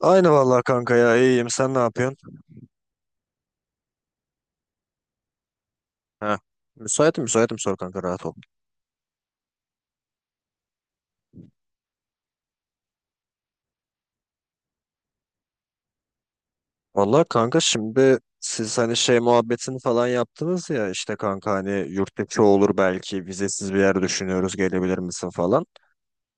Aynı vallahi kanka ya iyiyim sen ne yapıyorsun? Heh. Müsaitim müsaitim sor kanka rahat ol. Vallahi kanka şimdi siz hani şey muhabbetini falan yaptınız ya işte kanka hani yurt dışı olur belki vizesiz bir yer düşünüyoruz gelebilir misin falan.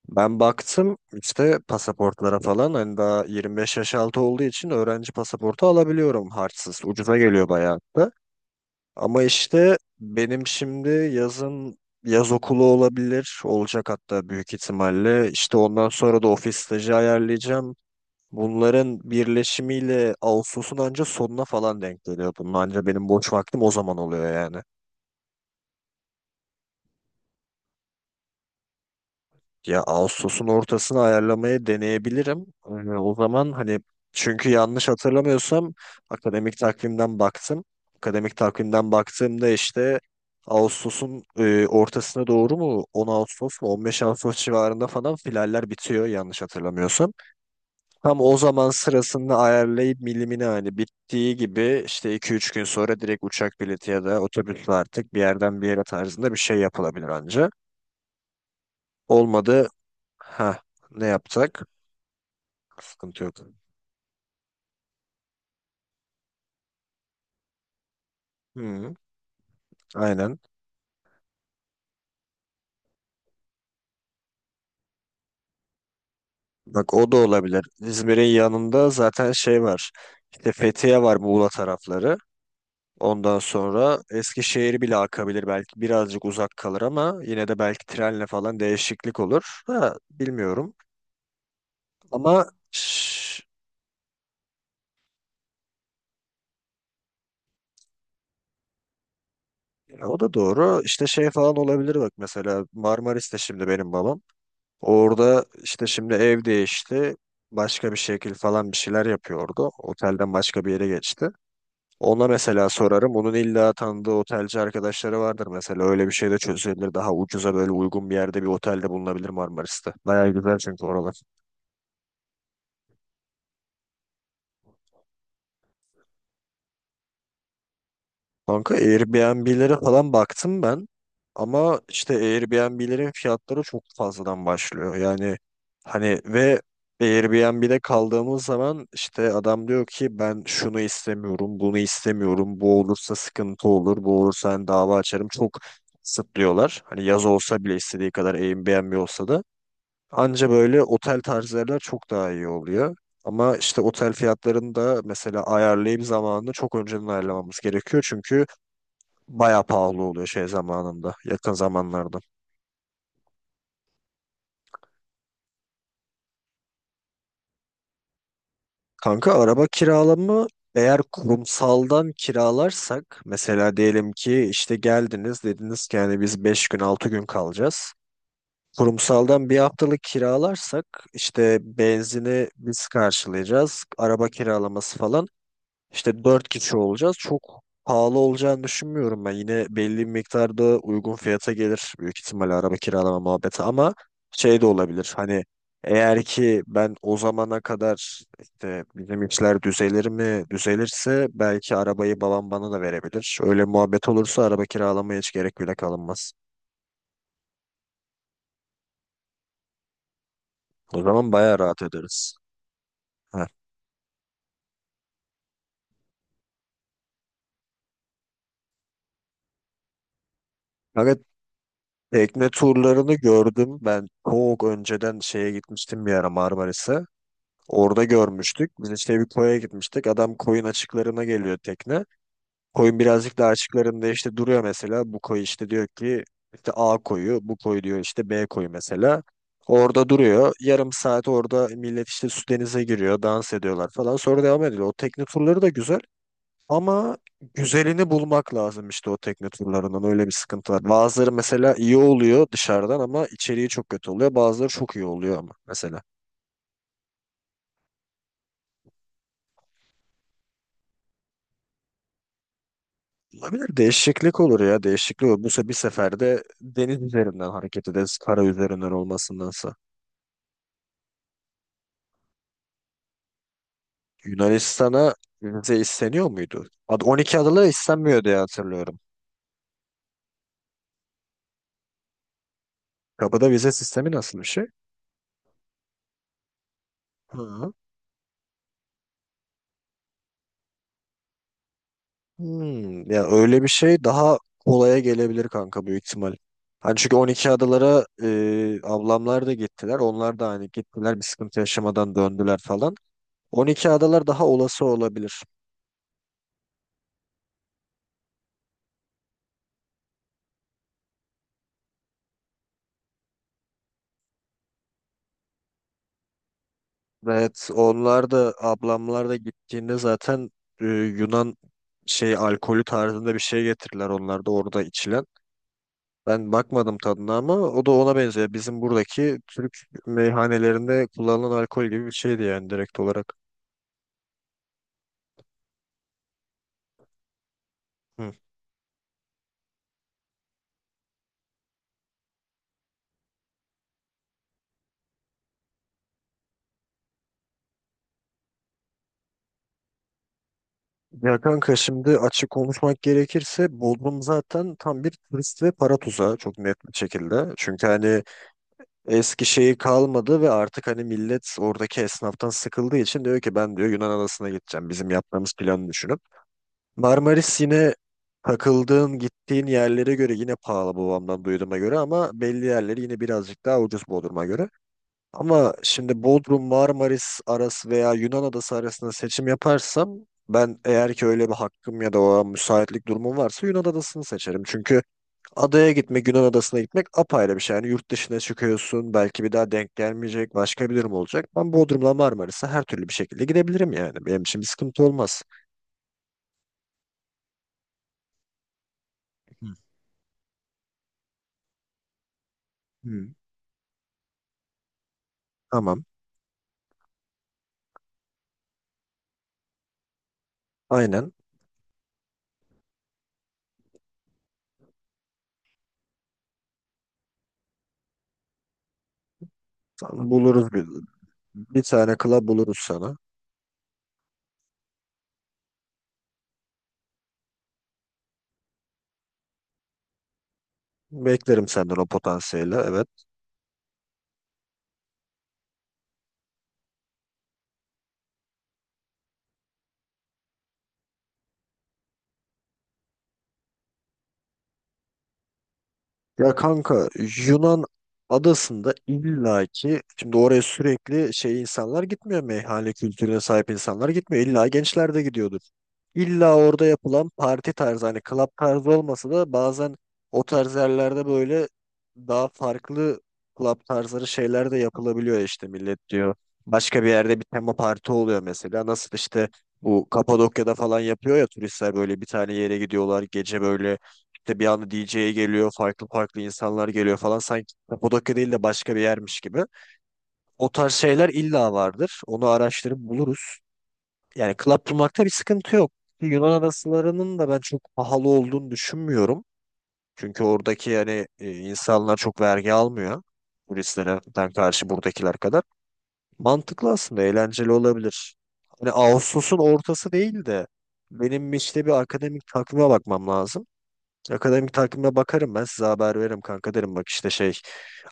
Ben baktım işte pasaportlara falan hani daha 25 yaş altı olduğu için öğrenci pasaportu alabiliyorum harçsız ucuza geliyor bayağı da. Ama işte benim şimdi yazın yaz okulu olabilir. Olacak hatta büyük ihtimalle. İşte ondan sonra da ofis stajı ayarlayacağım. Bunların birleşimiyle Ağustos'un anca sonuna falan denk geliyor. Bunun anca benim boş vaktim o zaman oluyor yani. Ya Ağustos'un ortasını ayarlamaya deneyebilirim. O zaman hani çünkü yanlış hatırlamıyorsam akademik takvimden baktım. Akademik takvimden baktığımda işte Ağustos'un ortasına doğru mu 10 Ağustos mu 15 Ağustos civarında falan finaller bitiyor yanlış hatırlamıyorsam. Tam o zaman sırasını ayarlayıp milimini hani bittiği gibi işte 2-3 gün sonra direkt uçak bileti ya da otobüsle artık bir yerden bir yere tarzında bir şey yapılabilir anca. Olmadı ha ne yapsak? Sıkıntı yok. Hı, aynen. Bak o da olabilir. İzmir'in yanında zaten şey var. İşte Fethiye var Muğla tarafları. Ondan sonra Eskişehir bile akabilir belki birazcık uzak kalır ama yine de belki trenle falan değişiklik olur. Ha, bilmiyorum. Ama şş, ya o da doğru. İşte şey falan olabilir bak mesela Marmaris'te şimdi benim babam. Orada işte şimdi ev değişti. Başka bir şekil falan bir şeyler yapıyordu. Otelden başka bir yere geçti. Ona mesela sorarım. Onun illa tanıdığı otelci arkadaşları vardır mesela. Öyle bir şey de çözülebilir. Daha ucuza böyle uygun bir yerde bir otelde bulunabilir Marmaris'te. Bayağı güzel çünkü oralar. Kanka Airbnb'lere falan baktım ben ama işte Airbnb'lerin fiyatları çok fazladan başlıyor. Yani hani ve Airbnb'de kaldığımız zaman işte adam diyor ki ben şunu istemiyorum, bunu istemiyorum, bu olursa sıkıntı olur, bu olursa hani dava açarım çok kısıtlıyorlar. Hani yaz olsa bile istediği kadar Airbnb olsa da anca böyle otel tarzı yerler çok daha iyi oluyor. Ama işte otel fiyatlarını da mesela ayarlayıp zamanını çok önceden ayarlamamız gerekiyor. Çünkü bayağı pahalı oluyor şey zamanında, yakın zamanlarda. Kanka araba kiralama eğer kurumsaldan kiralarsak mesela diyelim ki işte geldiniz dediniz ki yani biz 5 gün 6 gün kalacağız. Kurumsaldan bir haftalık kiralarsak işte benzini biz karşılayacağız, araba kiralaması falan İşte 4 kişi olacağız. Çok pahalı olacağını düşünmüyorum ben. Yine belli bir miktarda uygun fiyata gelir büyük ihtimalle araba kiralama muhabbeti ama şey de olabilir. Hani eğer ki ben o zamana kadar işte bizim işler düzelir mi düzelirse belki arabayı babam bana da verebilir. Öyle muhabbet olursa araba kiralamaya hiç gerek bile kalınmaz. O zaman bayağı rahat ederiz. Heh. Evet, tekne turlarını gördüm. Ben çok önceden şeye gitmiştim bir ara Marmaris'e. Orada görmüştük. Biz işte bir koya gitmiştik. Adam koyun açıklarına geliyor tekne. Koyun birazcık daha açıklarında işte duruyor mesela. Bu koyu işte diyor ki işte A koyu, bu koyu diyor işte B koyu mesela. Orada duruyor. Yarım saat orada millet işte su denize giriyor, dans ediyorlar falan. Sonra devam ediyor. O tekne turları da güzel. Ama güzelini bulmak lazım işte o tekne turlarından. Öyle bir sıkıntı var. Bazıları mesela iyi oluyor dışarıdan ama içeriği çok kötü oluyor. Bazıları çok iyi oluyor ama mesela. Olabilir. Değişiklik olur ya. Değişiklik olur. Bu se Bir seferde deniz üzerinden hareket ederiz. Kara üzerinden olmasındansa. Yunanistan'a vize isteniyor muydu? 12 adalara istenmiyor diye hatırlıyorum. Kapıda vize sistemi nasıl bir şey? Hı. Hmm, ya öyle bir şey daha kolaya gelebilir kanka büyük ihtimal. Hani çünkü 12 adalara ablamlar da gittiler. Onlar da hani gittiler bir sıkıntı yaşamadan döndüler falan. 12 adalar daha olası olabilir. Evet, onlar da ablamlar da gittiğinde zaten Yunan şey alkolü tarzında bir şey getirirler onlar da orada içilen. Ben bakmadım tadına ama o da ona benziyor. Bizim buradaki Türk meyhanelerinde kullanılan alkol gibi bir şeydi yani direkt olarak. Hı. Ya kanka şimdi açık konuşmak gerekirse Bodrum zaten tam bir turist ve para tuzağı çok net bir şekilde. Çünkü hani eski şeyi kalmadı ve artık hani millet oradaki esnaftan sıkıldığı için diyor ki ben diyor Yunan adasına gideceğim bizim yaptığımız planı düşünüp. Marmaris yine takıldığın gittiğin yerlere göre yine pahalı babamdan duyduğuma göre ama belli yerleri yine birazcık daha ucuz Bodrum'a göre. Ama şimdi Bodrum, Marmaris arası veya Yunan adası arasında seçim yaparsam ben eğer ki öyle bir hakkım ya da o an müsaitlik durumum varsa Yunan adasını seçerim. Çünkü adaya gitmek, Yunan adasına gitmek apayrı bir şey. Yani yurt dışına çıkıyorsun, belki bir daha denk gelmeyecek, başka bir durum olacak. Ben Bodrum'la Marmaris'e her türlü bir şekilde gidebilirim yani. Benim için bir sıkıntı olmaz. Hı hı. Tamam, aynen. Tamam, buluruz bir tane club buluruz sana. Beklerim senden o potansiyeli, evet. Ya kanka Yunan adasında illaki şimdi oraya sürekli şey insanlar gitmiyor meyhane kültürüne sahip insanlar gitmiyor. İlla gençler de gidiyordur. İlla orada yapılan parti tarzı hani club tarzı olmasa da bazen o tarz yerlerde böyle daha farklı club tarzları şeyler de yapılabiliyor işte millet diyor. Başka bir yerde bir tema parti oluyor mesela. Nasıl işte bu Kapadokya'da falan yapıyor ya turistler böyle bir tane yere gidiyorlar gece böyle işte bir anda DJ'ye geliyor, farklı farklı insanlar geliyor falan. Sanki Kapadokya değil de başka bir yermiş gibi. O tarz şeyler illa vardır. Onu araştırıp buluruz. Yani club bulmakta bir sıkıntı yok. Yunan adasılarının da ben çok pahalı olduğunu düşünmüyorum. Çünkü oradaki yani insanlar çok vergi almıyor. Turistlerden karşı buradakiler kadar. Mantıklı aslında, eğlenceli olabilir. Hani Ağustos'un ortası değil de benim işte bir akademik takvime bakmam lazım. Akademik takvime bakarım ben size haber veririm kanka derim bak işte şey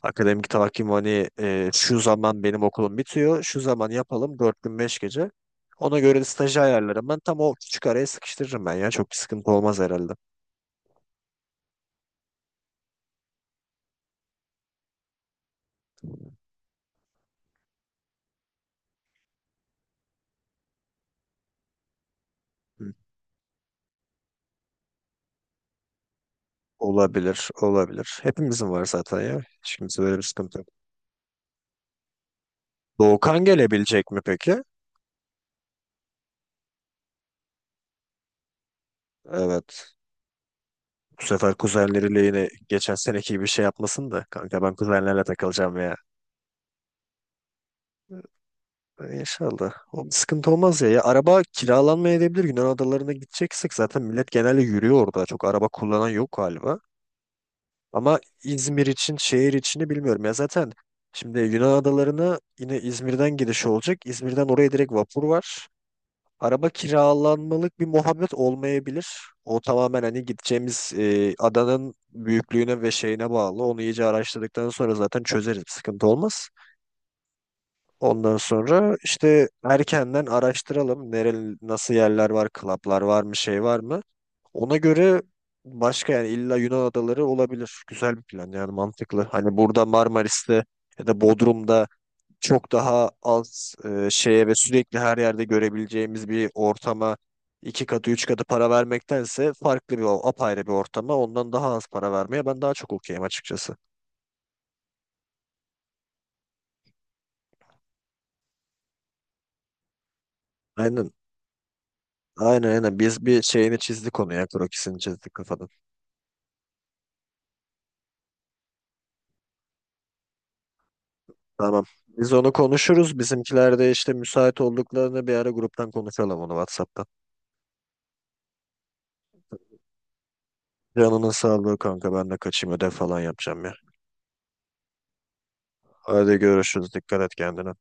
akademik takvim hani şu zaman benim okulum bitiyor şu zaman yapalım 4 gün 5 gece ona göre de stajı ayarlarım ben tam o küçük araya sıkıştırırım ben ya çok bir sıkıntı olmaz herhalde. Hı. Olabilir olabilir hepimizin var zaten ya şimdi böyle bir sıkıntı yok. Doğukan gelebilecek mi peki? Evet. Bu sefer kuzenleriyle yine geçen seneki gibi şey yapmasın da kanka ben kuzenlerle takılacağım ya. İnşallah. O sıkıntı olmaz ya. Ya araba kiralanmayabilir Yunan adalarına gideceksek zaten millet genelde yürüyor orada. Çok araba kullanan yok galiba. Ama İzmir için, şehir içini bilmiyorum. Ya zaten şimdi Yunan adalarına yine İzmir'den giriş olacak. İzmir'den oraya direkt vapur var. Araba kiralanmalık bir muhabbet olmayabilir. O tamamen hani gideceğimiz adanın büyüklüğüne ve şeyine bağlı. Onu iyice araştırdıktan sonra zaten çözeriz. Sıkıntı olmaz. Ondan sonra işte erkenden araştıralım. Nasıl yerler var, klaplar var mı, şey var mı? Ona göre başka yani illa Yunan adaları olabilir. Güzel bir plan yani mantıklı. Hani burada Marmaris'te ya da Bodrum'da çok daha az şeye ve sürekli her yerde görebileceğimiz bir ortama iki katı üç katı para vermektense farklı apayrı bir ortama ondan daha az para vermeye ben daha çok okeyim açıkçası. Aynen. Aynen aynen. Biz bir şeyini çizdik onu ya. Krokisini çizdik kafadan. Tamam. Biz onu konuşuruz. Bizimkiler de işte müsait olduklarını bir ara gruptan konuşalım onu WhatsApp'tan. Canının sağlığı kanka ben de kaçayım ödev falan yapacağım ya. Hadi görüşürüz. Dikkat et kendine.